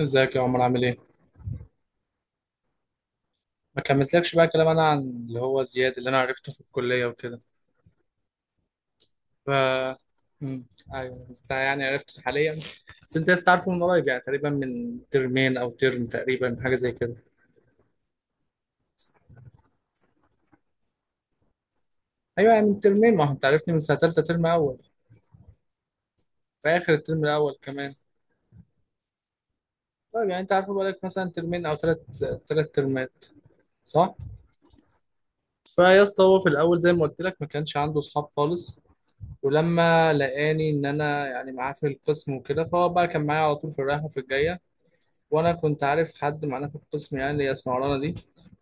ازيك يا عمر عامل ايه؟ ما كملتلكش بقى كلام انا عن اللي هو زياد اللي انا عرفته في الكلية وكده. ف مم. ايوه، بس ده يعني عرفته حاليا. بس انت لسه عارفه من قريب يعني تقريبا من ترمين او ترم تقريبا، حاجة زي كده. ايوه يعني من ترمين، ما هو انت عرفتني من سنة تالتة ترم اول. في اخر الترم الاول كمان. طيب يعني انت عارفه بقالك مثلا ترمين او تلات، تلات ترمات صح؟ فيا اسطى، هو في الاول زي ما قلت لك ما كانش عنده اصحاب خالص. ولما لقاني ان انا يعني معاه في القسم وكده، فهو بقى كان معايا على طول في الرايحه وفي الجايه. وانا كنت عارف حد معانا في القسم يعني اللي هي اسمها رانا دي.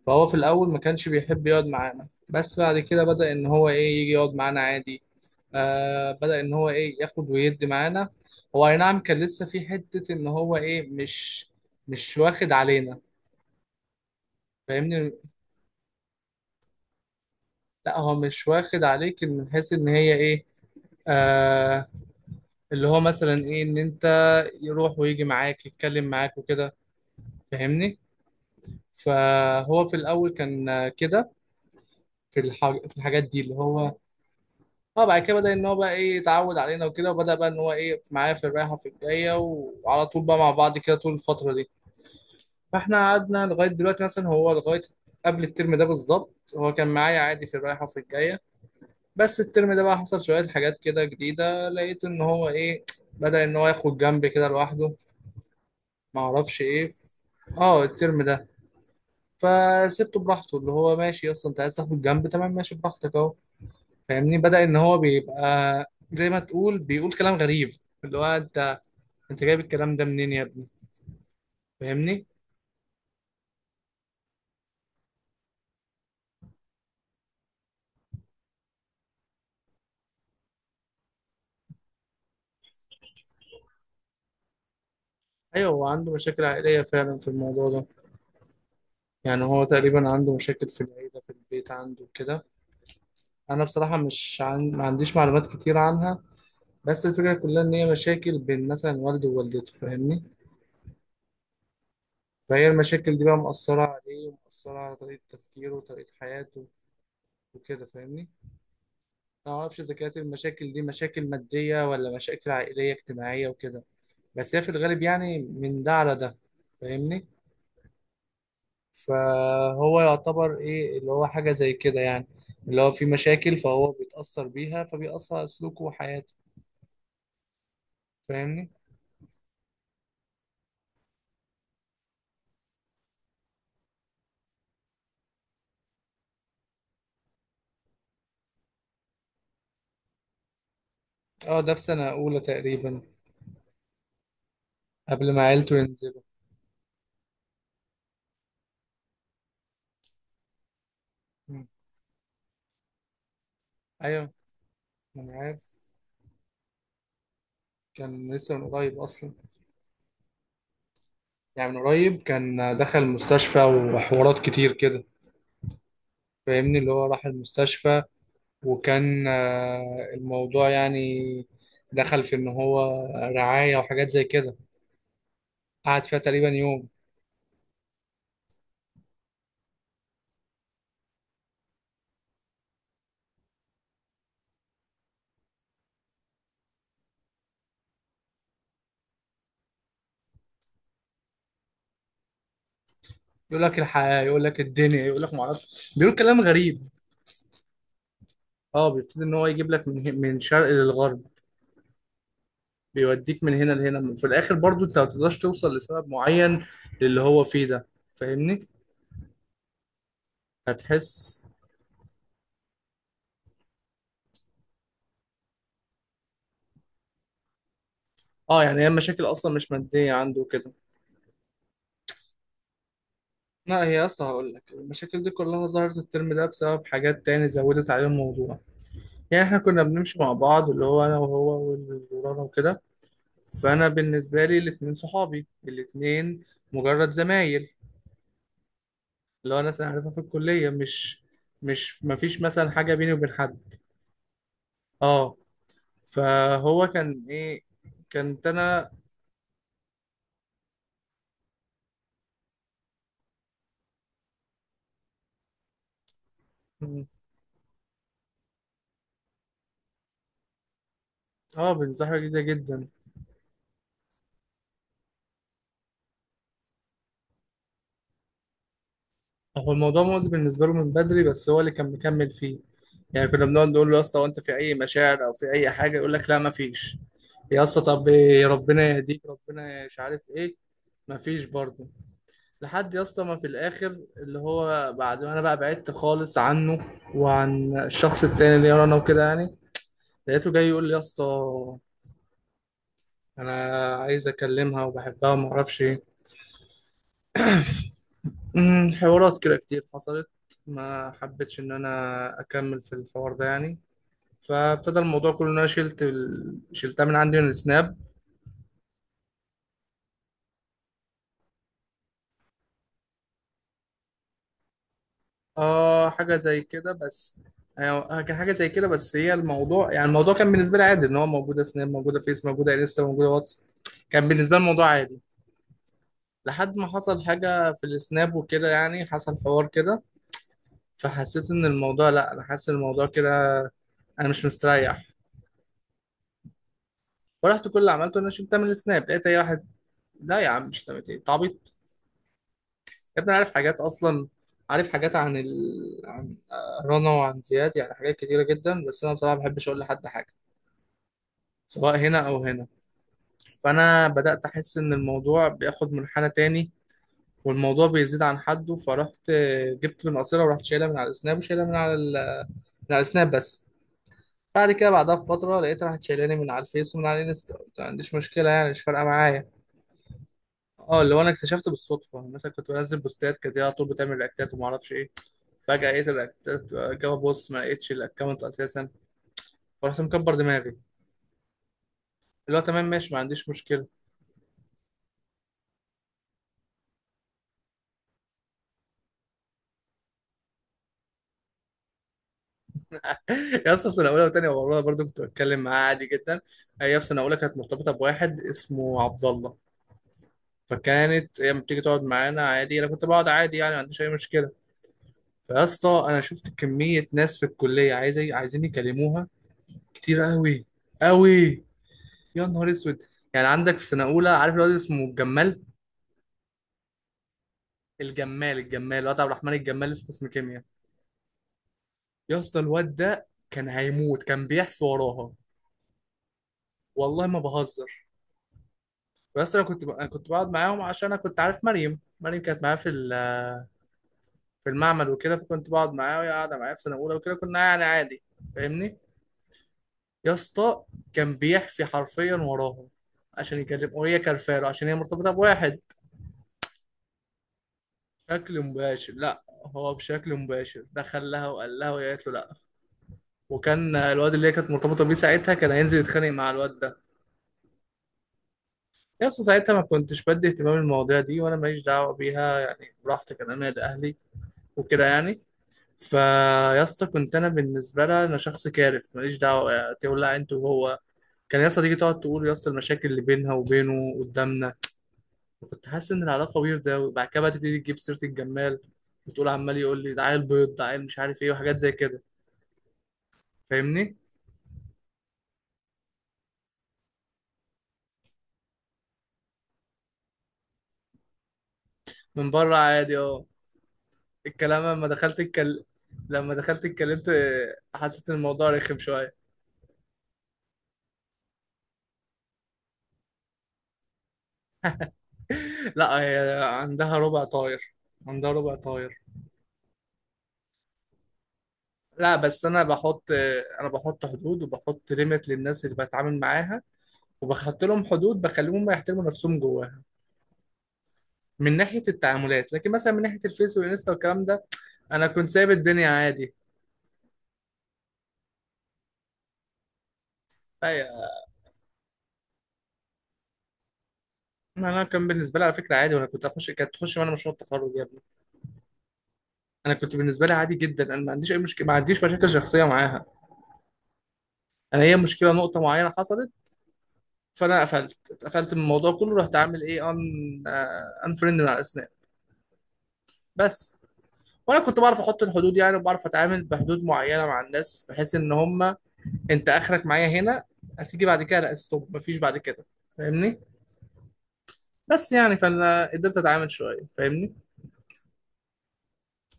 فهو في الاول ما كانش بيحب يقعد معانا، بس بعد كده بدأ ان هو ايه يجي يقعد معانا عادي. آه، بدأ ان هو ايه ياخد ويدي معانا. هو اي نعم، كان لسه في حته ان هو ايه مش واخد علينا. فاهمني. لا هو مش واخد عليك من حيث ان هي ايه. آه. اللي هو مثلا ايه ان انت، يروح ويجي معاك، يتكلم معاك وكده. فاهمني. فهو في الاول كان كده، في الحاجات دي اللي هو. اه، بعد كده بدأ ان هو بقى ايه يتعود علينا وكده، وبدأ بقى ان هو ايه معايا في الرايحة في الجاية. وعلى طول بقى مع بعض كده طول الفترة دي. فاحنا قعدنا لغاية دلوقتي، مثلا هو لغاية قبل الترم ده بالظبط هو كان معايا عادي في الرايحة وفي الجاية. بس الترم ده بقى حصل شوية حاجات كده جديدة، لقيت ان هو ايه بدأ ان هو ياخد جنب كده لوحده، معرفش ايه. اه، الترم ده. فسبته براحته، اللي هو ماشي، اصلا انت عايز تاخد جنب تمام، ماشي براحتك اهو. فاهمني. بدأ ان هو بيبقى زي ما تقول بيقول كلام غريب، اللي هو انت جايب الكلام ده منين يا ابني. فاهمني. ايوه، هو عنده مشاكل عائليه فعلا في الموضوع ده. يعني هو تقريبا عنده مشاكل في العيله، في البيت عنده كده. انا بصراحه مش عن... ما عنديش معلومات كتير عنها. بس الفكره كلها ان هي مشاكل بين مثلا والده ووالدته، فاهمني. فهي المشاكل دي بقى مأثره عليه ومأثره على طريقه تفكيره وطريقه حياته وكده، فاهمني. انا ما اعرفش اذا كانت المشاكل دي مشاكل ماديه ولا مشاكل عائليه اجتماعيه وكده. بس هي في الغالب يعني من ده على ده. فاهمني. فهو يعتبر ايه اللي هو حاجه زي كده يعني، اللي هو في مشاكل فهو بيتاثر بيها فبيأثر على سلوكه وحياته. فاهمني. اه، ده في سنه اولى تقريبا، قبل ما عيلته ينزلوا. مم. ايوه، انا عارف. كان لسه من قريب اصلا. يعني من قريب كان دخل المستشفى وحوارات كتير كده، فاهمني. اللي هو راح المستشفى، وكان الموضوع يعني دخل في ان هو رعاية وحاجات زي كده. قعد فيها تقريبا يوم. يقول لك الحياة، يقول لك الدنيا، يقول لك معرفش، بيقول كلام غريب. اه، بيبتدي ان هو يجيب لك من شرق للغرب. بيوديك من هنا لهنا، في الاخر برضو انت ما تقدرش توصل لسبب معين للي هو فيه ده. فاهمني. هتحس. اه يعني هي المشاكل اصلا مش مادية عنده كده. لا هي اصلا هقول لك المشاكل دي كلها ظهرت الترم ده بسبب حاجات تاني زودت عليه الموضوع. يعني احنا كنا بنمشي مع بعض، اللي هو انا وهو والورانا وكده. فانا بالنسبه لي الاتنين صحابي، الاتنين مجرد زمايل. اللي هو ناس انا عارفها في الكليه، مش مش ما فيش مثلا حاجه بيني وبين حد. اه. فهو كان ايه، كانت انا. اه، بنصاحبه جدا جدا. هو الموضوع مؤذي بالنسبه له من بدري، بس هو اللي كان مكمل فيه. يعني كنا بنقعد نقول له يا اسطى هو انت في اي مشاعر او في اي حاجه، يقول لك لا ما فيش. يا اسطى طب إيه، ربنا يهديك، ربنا مش عارف ايه. مفيش برضه. لحد يا اسطى ما في الاخر، اللي هو بعد ما انا بقى بعدت خالص عنه وعن الشخص التاني اللي انا وكده يعني، لقيته جاي يقول لي يا اسطى انا عايز اكلمها وبحبها وما اعرفش ايه. حوارات كده كتير حصلت. ما حبيتش ان انا اكمل في الحوار ده يعني. فابتدى الموضوع كله ان انا شلتها من عندي من السناب. اه، حاجة زي كده بس. آه، كان حاجة زي كده. بس هي الموضوع يعني الموضوع كان بالنسبة لي عادي، ان هو موجودة سناب، موجودة فيس، موجودة انستا، موجودة واتس. كان بالنسبة لي الموضوع عادي. لحد ما حصل حاجة في السناب وكده، يعني حصل حوار كده، فحسيت ان الموضوع لا، انا حاسس ان الموضوع كده انا مش مستريح. فرحت كل اللي عملته ان انا شلتها من السناب، لقيت هي راحت. لا يا عم، مش تعمل ايه تعبيط. يا ابني أنا عارف حاجات اصلا، عارف حاجات عن رنا وعن زياد، يعني حاجات كتيرة جدا، بس انا بصراحة ما بحبش اقول لحد حاجة سواء هنا أو هنا. فأنا بدأت أحس إن الموضوع بياخد منحنى تاني والموضوع بيزيد عن حده، فرحت جبت من قصيرة ورحت شايلها من على السناب وشايلها من على السناب بس. بعد كده بعدها بفترة لقيت راحت شايلاني من على الفيس ومن على الانستا، قلت ما عنديش مشكلة يعني، مش فارقة معايا. اه، اللي هو أنا اكتشفت بالصدفة، يعني مثلا كنت بنزل بوستات كانت هي على طول بتعمل رياكتات وما أعرفش إيه، فجأة لقيت الرياكتات جابها، بص ما لقيتش الأكونت أساسا. فرحت مكبر دماغي، اللي هو تمام ماشي ما عنديش مشكلة. يا اسطى في سنه اولى وثانيه والله برضو كنت بتكلم معاه عادي جدا. هي في سنه اولى كانت مرتبطه بواحد اسمه عبد الله، فكانت هي بتيجي تقعد معانا عادي، انا كنت بقعد عادي يعني ما عنديش اي مشكله. فيا اسطى انا شفت كميه ناس في الكليه عايزين يكلموها، كتير قوي قوي. يا نهار اسود. يعني عندك في سنه اولى، عارف الواد اسمه الجمال؟ الجمال الواد عبد الرحمن الجمال اللي في قسم كيمياء. يا اسطى الواد ده كان هيموت، كان بيحفي وراها، والله ما بهزر. بس انا انا كنت بقعد معاهم عشان انا كنت عارف مريم كانت معايا في المعمل وكده، فكنت بقعد معاها وهي قاعده معايا في سنه اولى وكده، كنا يعني عادي. فاهمني. يا اسطى كان بيحفي حرفيا وراهم عشان يكلم، وهي كرفاله عشان هي مرتبطه بواحد. بشكل مباشر لا. هو بشكل مباشر دخل لها وقال لها وهي قالت له لا، وكان الواد اللي هي كانت مرتبطه بيه ساعتها كان هينزل يتخانق مع الواد ده. يا اسطى ساعتها ما كنتش بدي اهتمام المواضيع دي وانا ماليش دعوه بيها، يعني براحتي كان انا لاهلي وكده يعني. فيا اسطى كنت انا بالنسبه لها انا شخص كارف، ماليش دعوه، تولع انت وهو. كان يا اسطى تيجي تقعد تقول يا اسطى المشاكل اللي بينها وبينه قدامنا، كنت حاسس ان العلاقه ويرده. وبعد كده بقى تبتدي تجيب سيره الجمال، وتقول عمال يقول لي ده عيل بيض، ده عيل مش عارف ايه وحاجات زي كده. فاهمني. من بره عادي، اه. الكلام لما دخلت اتكلمت حسيت ان الموضوع رخم شويه. لا هي عندها ربع طاير، عندها ربع طاير. لا بس انا بحط حدود، وبحط ليميت للناس اللي بتعامل معاها، وبحط لهم حدود بخليهم يحترموا نفسهم جواها من ناحيه التعاملات. لكن مثلا من ناحيه الفيس والانستا والكلام ده، انا كنت سايب الدنيا عادي. أي- انا كان بالنسبه لي على فكره عادي، وانا كنت اخش كانت تخش معانا مشروع التخرج يا ابني. انا كنت بالنسبه لي عادي جدا، انا ما عنديش اي مشكله، ما عنديش مشاكل شخصيه معاها. انا هي مشكله نقطه معينه حصلت، فانا اتقفلت من الموضوع كله، رحت عامل ايه، ان انفريند من على الاسناب، بس. وانا كنت بعرف احط الحدود يعني، وبعرف اتعامل بحدود معينه مع الناس بحيث ان هم انت اخرك معايا هنا، هتيجي بعد كده لا، ستوب، مفيش بعد كده. فاهمني. بس يعني فانا قدرت اتعامل شويه. فاهمني.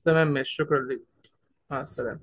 تمام ماشي، شكرا ليك. مع السلامه.